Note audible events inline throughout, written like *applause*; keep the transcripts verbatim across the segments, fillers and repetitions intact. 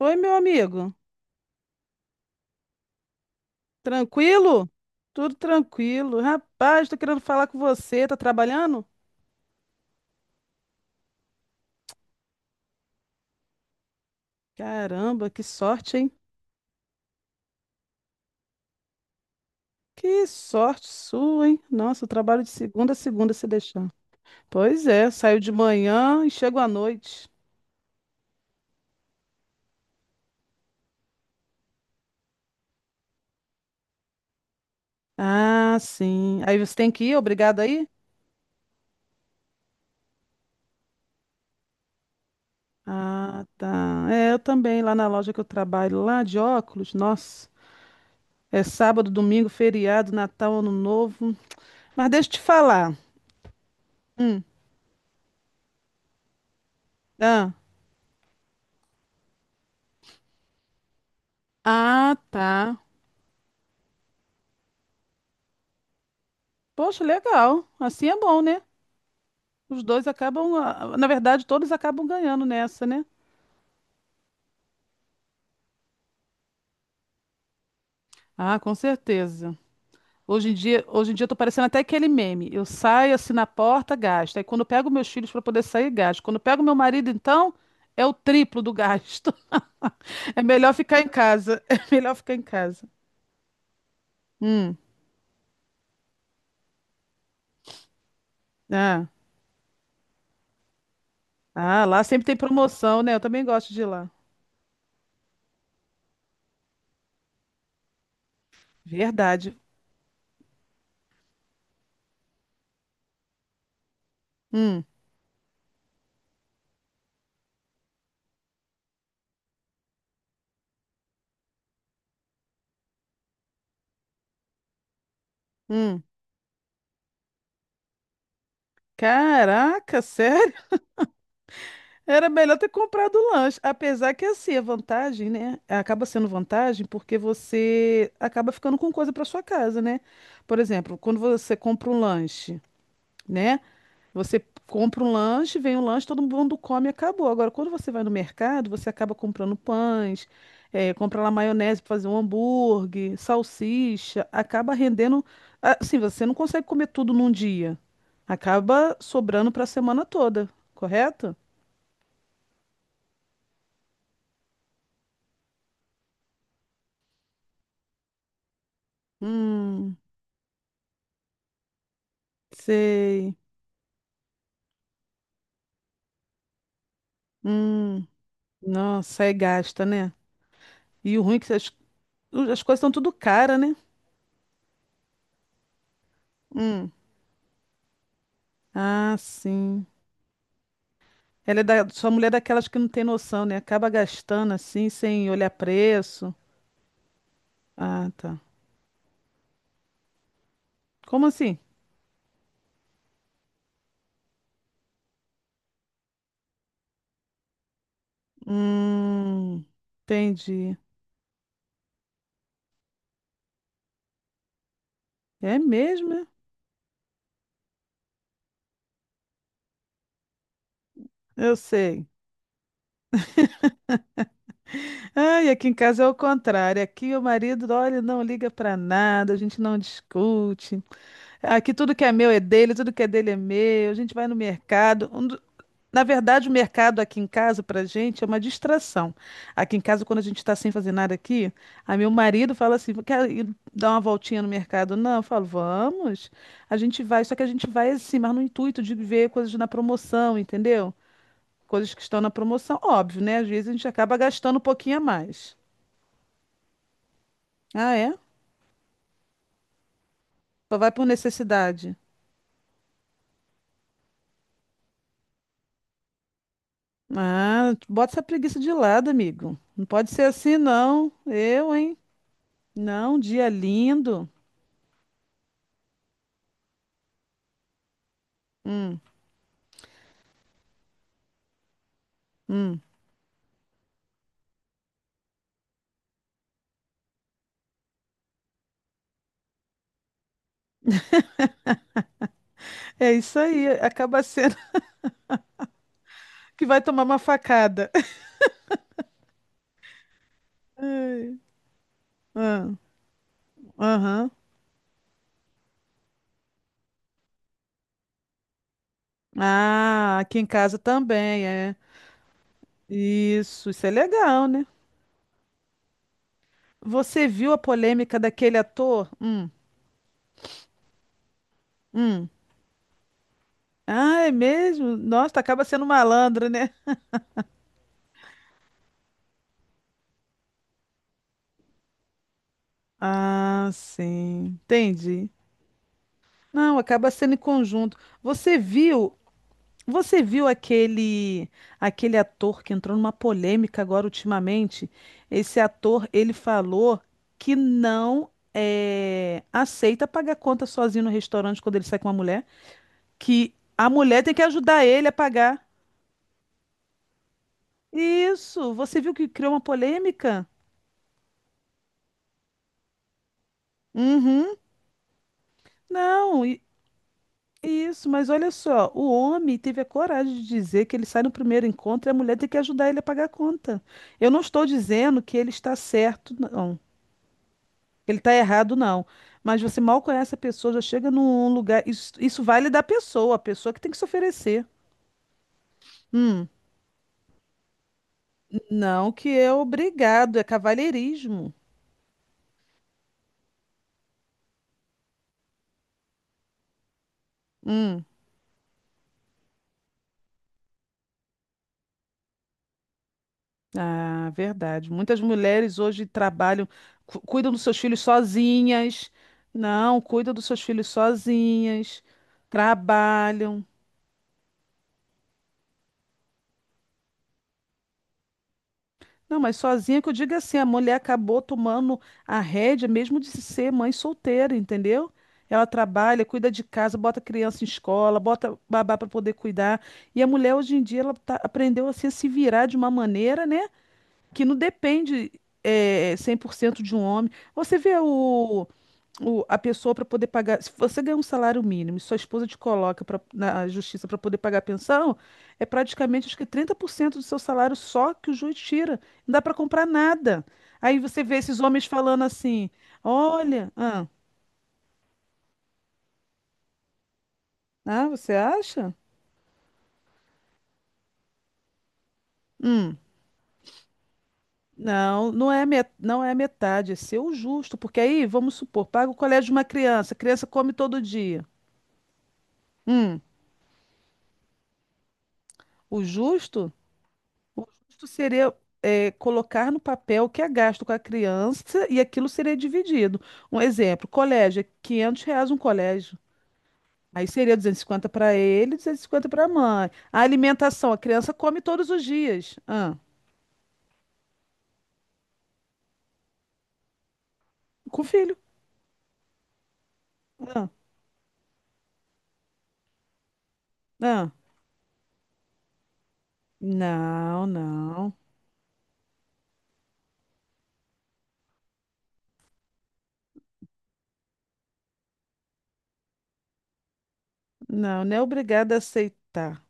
Oi, meu amigo. Tranquilo? Tudo tranquilo. Rapaz, tô querendo falar com você. Tá trabalhando? Caramba, que sorte, hein? Que sorte sua, hein? Nossa, eu trabalho de segunda a segunda se deixar. Pois é, saio de manhã e chego à noite. Ah, sim. Aí você tem que ir, obrigado aí? Ah, tá. É, eu também, lá na loja que eu trabalho, lá de óculos, nossa. É sábado, domingo, feriado, Natal, Ano Novo. Mas deixa eu te falar. Hum. Ah. Ah, tá. Poxa, legal. Assim é bom, né? Os dois acabam, ah, na verdade, todos acabam ganhando nessa, né? Ah, com certeza. Hoje em dia, hoje em dia eu tô parecendo até aquele meme. Eu saio assim na porta, gasto. Aí quando eu pego meus filhos para poder sair, gasto. Quando eu pego meu marido, então, é o triplo do gasto. *laughs* É melhor ficar em casa. *laughs* É melhor ficar em casa. Hum. Ah. Ah, lá sempre tem promoção, né? Eu também gosto de ir lá. Verdade. Hum. Hum. Caraca, sério? Era melhor ter comprado o lanche. Apesar que, assim, a vantagem, né? Acaba sendo vantagem porque você acaba ficando com coisa para sua casa, né? Por exemplo, quando você compra um lanche, né? Você compra um lanche, vem um lanche, todo mundo come e acabou. Agora, quando você vai no mercado, você acaba comprando pães, eh, compra lá maionese para fazer um hambúrguer, salsicha, acaba rendendo. Assim, você não consegue comer tudo num dia. Acaba sobrando para a semana toda, correto? Hum. Sei. Hum, nossa, aí gasta, né? E o ruim é que as, as coisas são tudo cara, né? Hum. Ah, sim. Ela é da, sua mulher é daquelas que não tem noção, né? Acaba gastando assim, sem olhar preço. Ah, tá. Como assim? Hum, entendi. É mesmo, é? Eu sei. Ai, aqui em casa é o contrário. Aqui o marido, olha, não liga pra nada, a gente não discute. Aqui tudo que é meu é dele, tudo que é dele é meu. A gente vai no mercado. Na verdade, o mercado aqui em casa, pra gente, é uma distração. Aqui em casa, quando a gente tá sem fazer nada aqui, aí meu marido fala assim, quer ir dar uma voltinha no mercado? Não, eu falo, vamos. A gente vai, só que a gente vai assim, mas no intuito de ver coisas na promoção, entendeu? Coisas que estão na promoção, óbvio, né? Às vezes a gente acaba gastando um pouquinho a mais. Ah, é? Só vai por necessidade. Ah, bota essa preguiça de lado, amigo. Não pode ser assim, não. Eu, hein? Não, dia lindo. Hum, hum. É isso aí, acaba sendo *laughs* que vai tomar uma facada. *laughs* Ah, aham. Ah, aqui em casa também, é. Isso, isso é legal, né? Você viu a polêmica daquele ator? Hum, hum. Ah, é mesmo? Nossa, acaba sendo malandro, né? Ah, sim, entendi. Não, acaba sendo em conjunto. Você viu Você viu aquele aquele ator que entrou numa polêmica agora ultimamente? Esse ator, ele falou que não eh, aceita pagar conta sozinho no restaurante quando ele sai com uma mulher, que a mulher tem que ajudar ele a pagar. Isso, você viu que criou uma polêmica? Uhum. Não, i- Isso, mas olha só, o homem teve a coragem de dizer que ele sai no primeiro encontro e a mulher tem que ajudar ele a pagar a conta. Eu não estou dizendo que ele está certo, não. Ele tá errado, não. Mas você mal conhece a pessoa, já chega num lugar. Isso, isso vale da pessoa, a pessoa que tem que se oferecer. Hum, não que é obrigado, é cavalheirismo. Hum, ah, verdade. Muitas mulheres hoje trabalham, cu- cuidam dos seus filhos sozinhas. Não, cuidam dos seus filhos sozinhas, trabalham. Não, mas sozinha que eu digo é assim, a mulher acabou tomando a rédea mesmo de ser mãe solteira, entendeu? Ela trabalha, cuida de casa, bota criança em escola, bota babá para poder cuidar. E a mulher hoje em dia ela tá- aprendeu assim, a se virar de uma maneira, né? Que não depende é, cem por cento de um homem. Você vê o, o- a pessoa para poder pagar. Se você ganha um salário mínimo e sua esposa te coloca pra- na justiça para poder pagar a pensão, é praticamente acho que trinta por cento do seu salário só que o juiz tira. Não dá para comprar nada. Aí você vê esses homens falando assim: olha, ah, ah, você acha? Hum. Não, não é, met- não é metade, é seu justo, porque aí, vamos supor, paga o colégio de uma criança, a criança come todo dia. Hum, O justo, o justo seria é, colocar no papel o que é gasto com a criança e aquilo seria dividido. Um exemplo, colégio, é quinhentos reais um colégio. Aí seria duzentos e cinquenta para ele, duzentos e cinquenta para a mãe. A alimentação, a criança come todos os dias. Ah, com o filho. Ah, ah. Não, não. Não, não é obrigada a aceitar.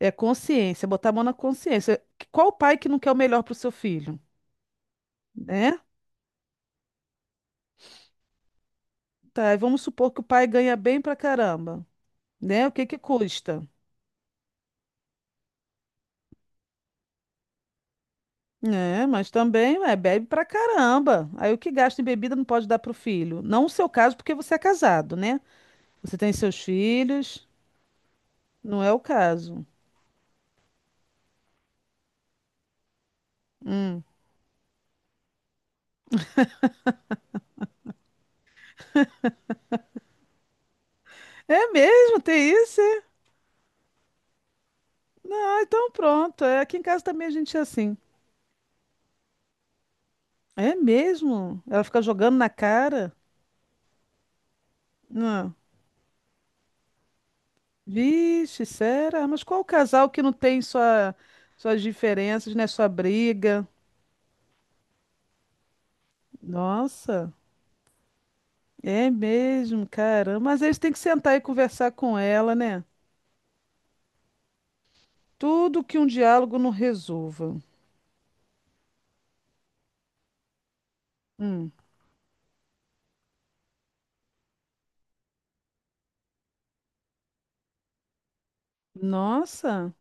É consciência, botar a mão na consciência. Que- Qual o pai que não quer o melhor para o seu filho, né? Tá, e vamos supor que o pai ganha bem pra caramba. Né? O que que custa? É, mas também é, bebe pra caramba. Aí o que gasta em bebida não pode dar pro filho. Não o seu caso, porque você é casado, né? Você tem seus filhos, não é o caso. Hum. É mesmo, tem isso? É? Ah, então pronto. É, aqui em casa também a gente é assim. É mesmo? Ela fica jogando na cara? Não. Vixe, será? Mas qual casal que não tem sua, suas diferenças, né? Sua briga? Nossa. É mesmo, caramba. Mas eles têm que sentar e conversar com ela, né? Tudo que um diálogo não resolva. Hum. Nossa,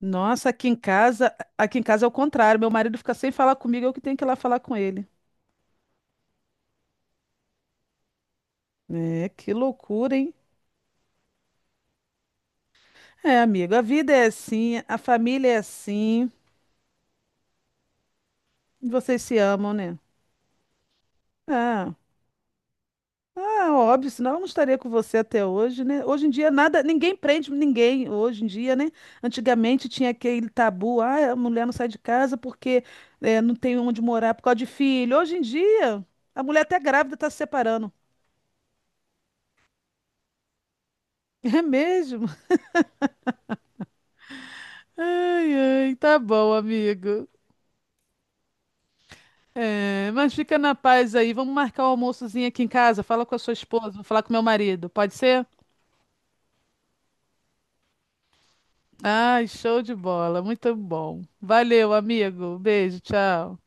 nossa, aqui em casa, aqui em casa é o contrário. Meu marido fica sem falar comigo, eu que tenho que ir lá falar com ele. É, que loucura, hein? É, amigo, a vida é assim, a família é assim. Vocês se amam, né? Ah. Ah, óbvio, senão eu não estaria com você até hoje, né? Hoje em dia nada, ninguém prende ninguém hoje em dia, né? Antigamente tinha aquele tabu, ah, a mulher não sai de casa porque eh, não tem onde morar por causa de filho. Hoje em dia, a mulher até grávida está se separando. *laughs* É mesmo? Ai, ai, tá bom, amigo. É, mas fica na paz aí. Vamos marcar o almoçozinho aqui em casa. Fala com a sua esposa, vou falar com meu marido. Pode ser? Ai, show de bola, muito bom. Valeu, amigo. Beijo, tchau.